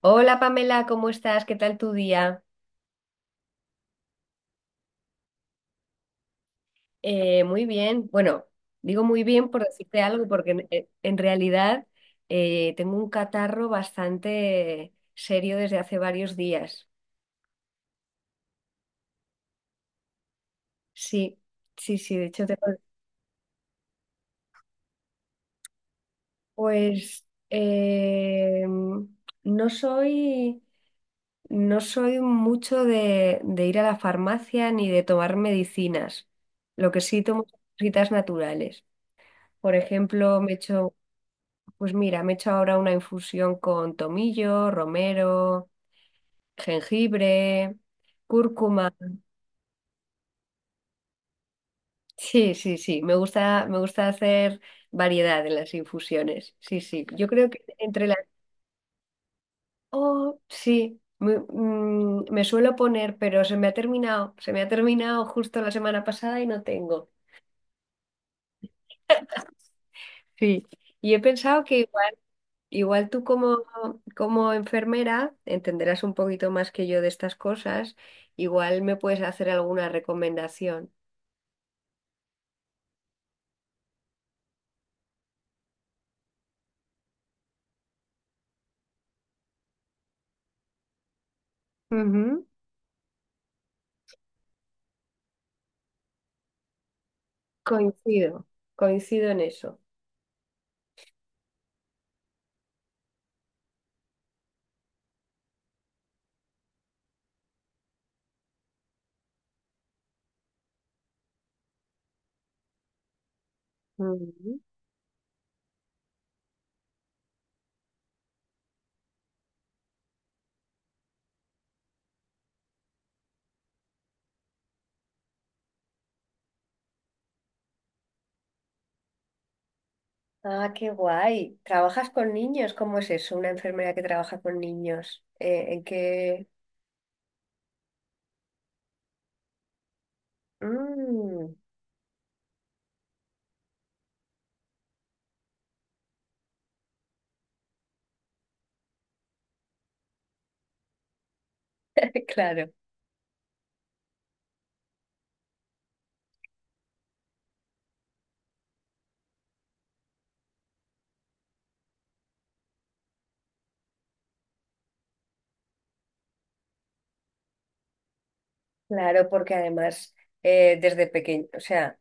Hola Pamela, ¿cómo estás? ¿Qué tal tu día? Muy bien. Bueno, digo muy bien por decirte algo, porque en realidad tengo un catarro bastante serio desde hace varios días. Sí, sí, sí, de hecho, tengo, pues eh, no soy, no soy mucho de ir a la farmacia ni de tomar medicinas. Lo que sí tomo son cositas naturales. Por ejemplo, me he hecho. Pues mira, me he hecho ahora una infusión con tomillo, romero, jengibre, cúrcuma. Sí, sí, sí, me gusta hacer variedad en las infusiones. Sí, sí, yo creo que entre las... Oh, sí, me suelo poner, pero se me ha terminado, se me ha terminado justo la semana pasada y no tengo. Sí, y he pensado que igual tú como, como enfermera entenderás un poquito más que yo de estas cosas, igual me puedes hacer alguna recomendación. Ujú. Coincido, coincido en eso. Ujú. Ah, qué guay. ¿Trabajas con niños? ¿Cómo es eso? Una enfermera que trabaja con niños. ¿En qué? Mm. Claro, claro, porque además desde pequeño, o sea...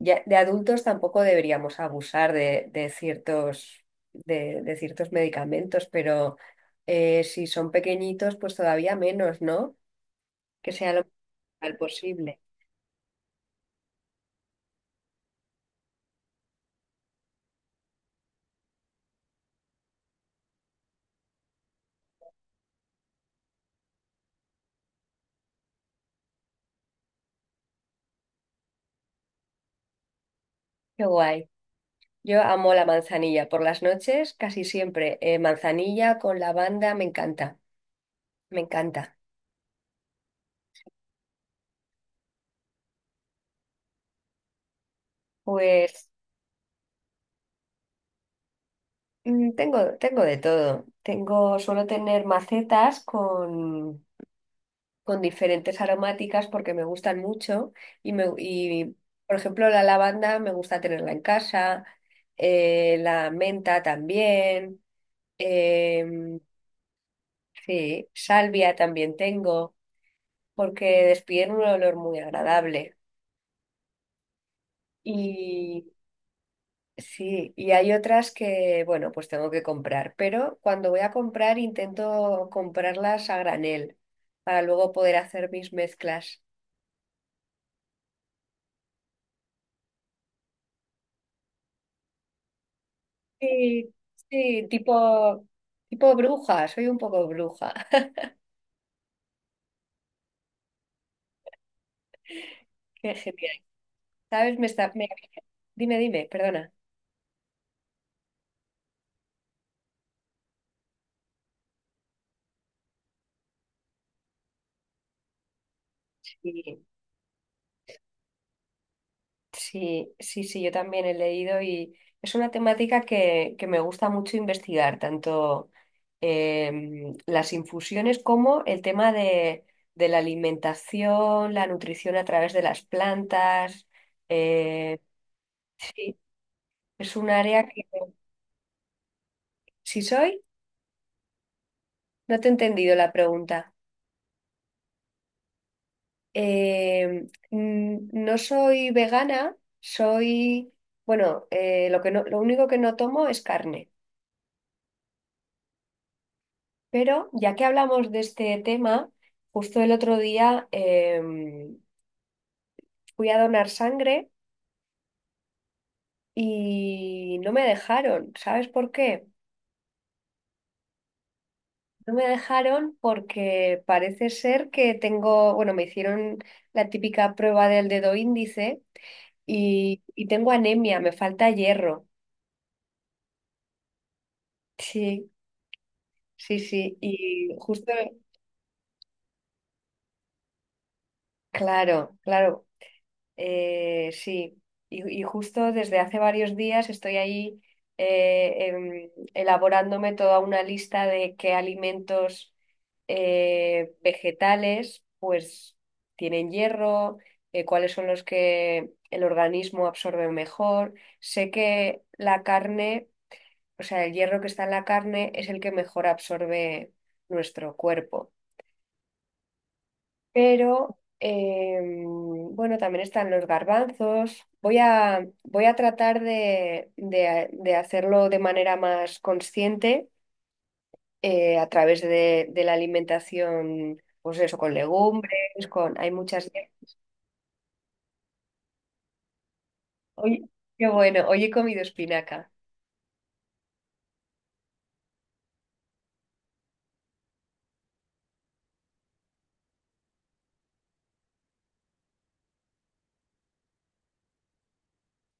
Ya, de adultos tampoco deberíamos abusar de ciertos, de ciertos medicamentos, pero si son pequeñitos, pues todavía menos, ¿no? Que sea lo más posible. Qué guay. Yo amo la manzanilla. Por las noches, casi siempre, manzanilla con lavanda, me encanta, me encanta. Pues tengo, tengo de todo. Tengo, suelo tener macetas con diferentes aromáticas porque me gustan mucho y por ejemplo, la lavanda me gusta tenerla en casa, la menta también, em, sí, salvia también tengo porque despiden un olor muy agradable. Y sí, y hay otras que, bueno, pues tengo que comprar, pero cuando voy a comprar intento comprarlas a granel para luego poder hacer mis mezclas. Sí, sí, tipo, tipo bruja, soy un poco bruja. Qué genial. ¿Sabes? Me está, me... Dime, dime, perdona. Sí, sí, sí, sí, yo también he leído y es una temática que me gusta mucho investigar, tanto las infusiones como el tema de la alimentación, la nutrición a través de las plantas. eh, sí, es un área que... Si soy, no te he entendido la pregunta. Eh, no soy vegana, soy, bueno, lo que no, lo único que no tomo es carne. Pero ya que hablamos de este tema, justo el otro día fui a donar sangre y no me dejaron. ¿Sabes por qué? No me dejaron porque parece ser que tengo, bueno, me hicieron la típica prueba del dedo índice y tengo anemia, me falta hierro. Sí. Sí, sí, y justo, claro, claro, sí, y justo desde hace varios días estoy ahí elaborándome toda una lista de qué alimentos vegetales pues tienen hierro, cuáles son los que el organismo absorbe mejor. Sé que la carne, o sea, el hierro que está en la carne es el que mejor absorbe nuestro cuerpo. Pero bueno, también están los garbanzos. Voy a tratar de hacerlo de manera más consciente a través de la alimentación, pues eso, con legumbres, con... Hay muchas... Hoy, qué bueno, hoy he comido espinaca.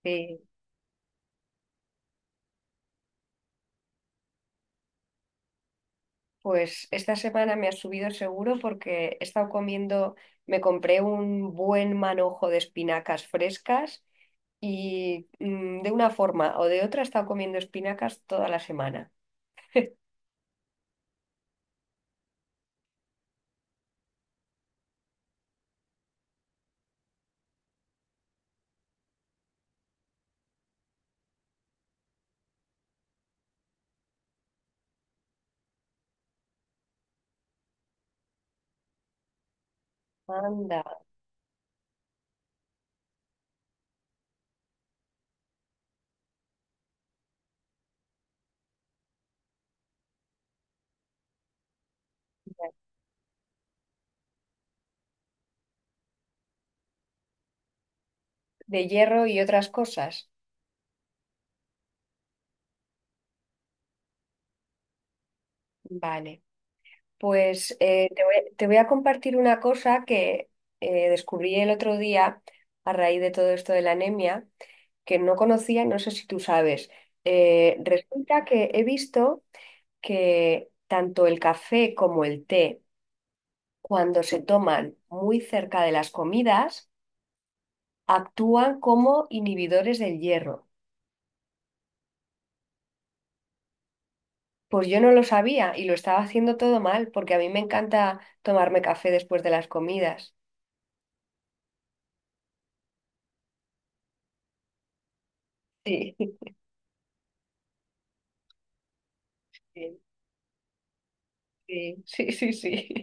Sí. Pues esta semana me ha subido seguro porque he estado comiendo, me compré un buen manojo de espinacas frescas y de una forma o de otra he estado comiendo espinacas toda la semana. Anda, de hierro y otras cosas. Vale, pues te voy a compartir una cosa que descubrí el otro día a raíz de todo esto de la anemia, que no conocía, no sé si tú sabes. Resulta que he visto que tanto el café como el té, cuando se toman muy cerca de las comidas, actúan como inhibidores del hierro. Pues yo no lo sabía y lo estaba haciendo todo mal porque a mí me encanta tomarme café después de las comidas. Sí, sí, sí, sí, sí, sí.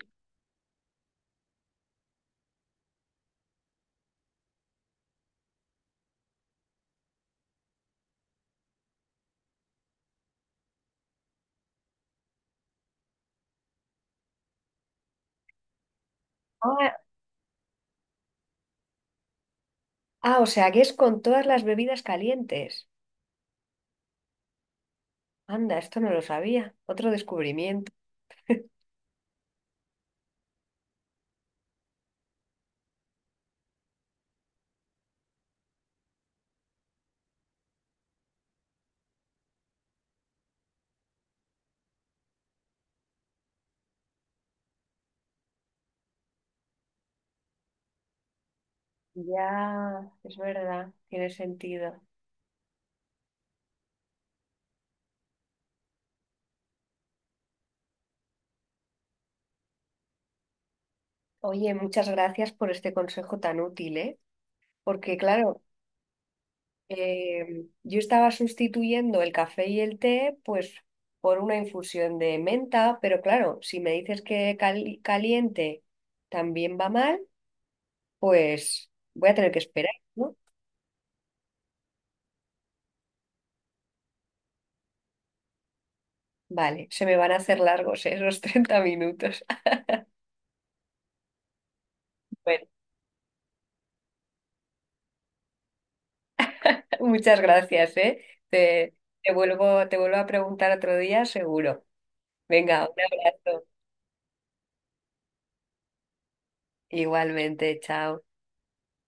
Ah, ah, o sea que es con todas las bebidas calientes. Anda, esto no lo sabía. Otro descubrimiento. Ya, es verdad, tiene sentido. Oye, muchas gracias por este consejo tan útil, ¿eh? Porque claro, yo estaba sustituyendo el café y el té, pues, por una infusión de menta, pero claro, si me dices que caliente también va mal, pues voy a tener que esperar, ¿no? Vale, se me van a hacer largos, ¿eh? esos 30 minutos. Bueno, muchas gracias, ¿eh? Te, te vuelvo a preguntar otro día, seguro. Venga, un abrazo. Igualmente, chao.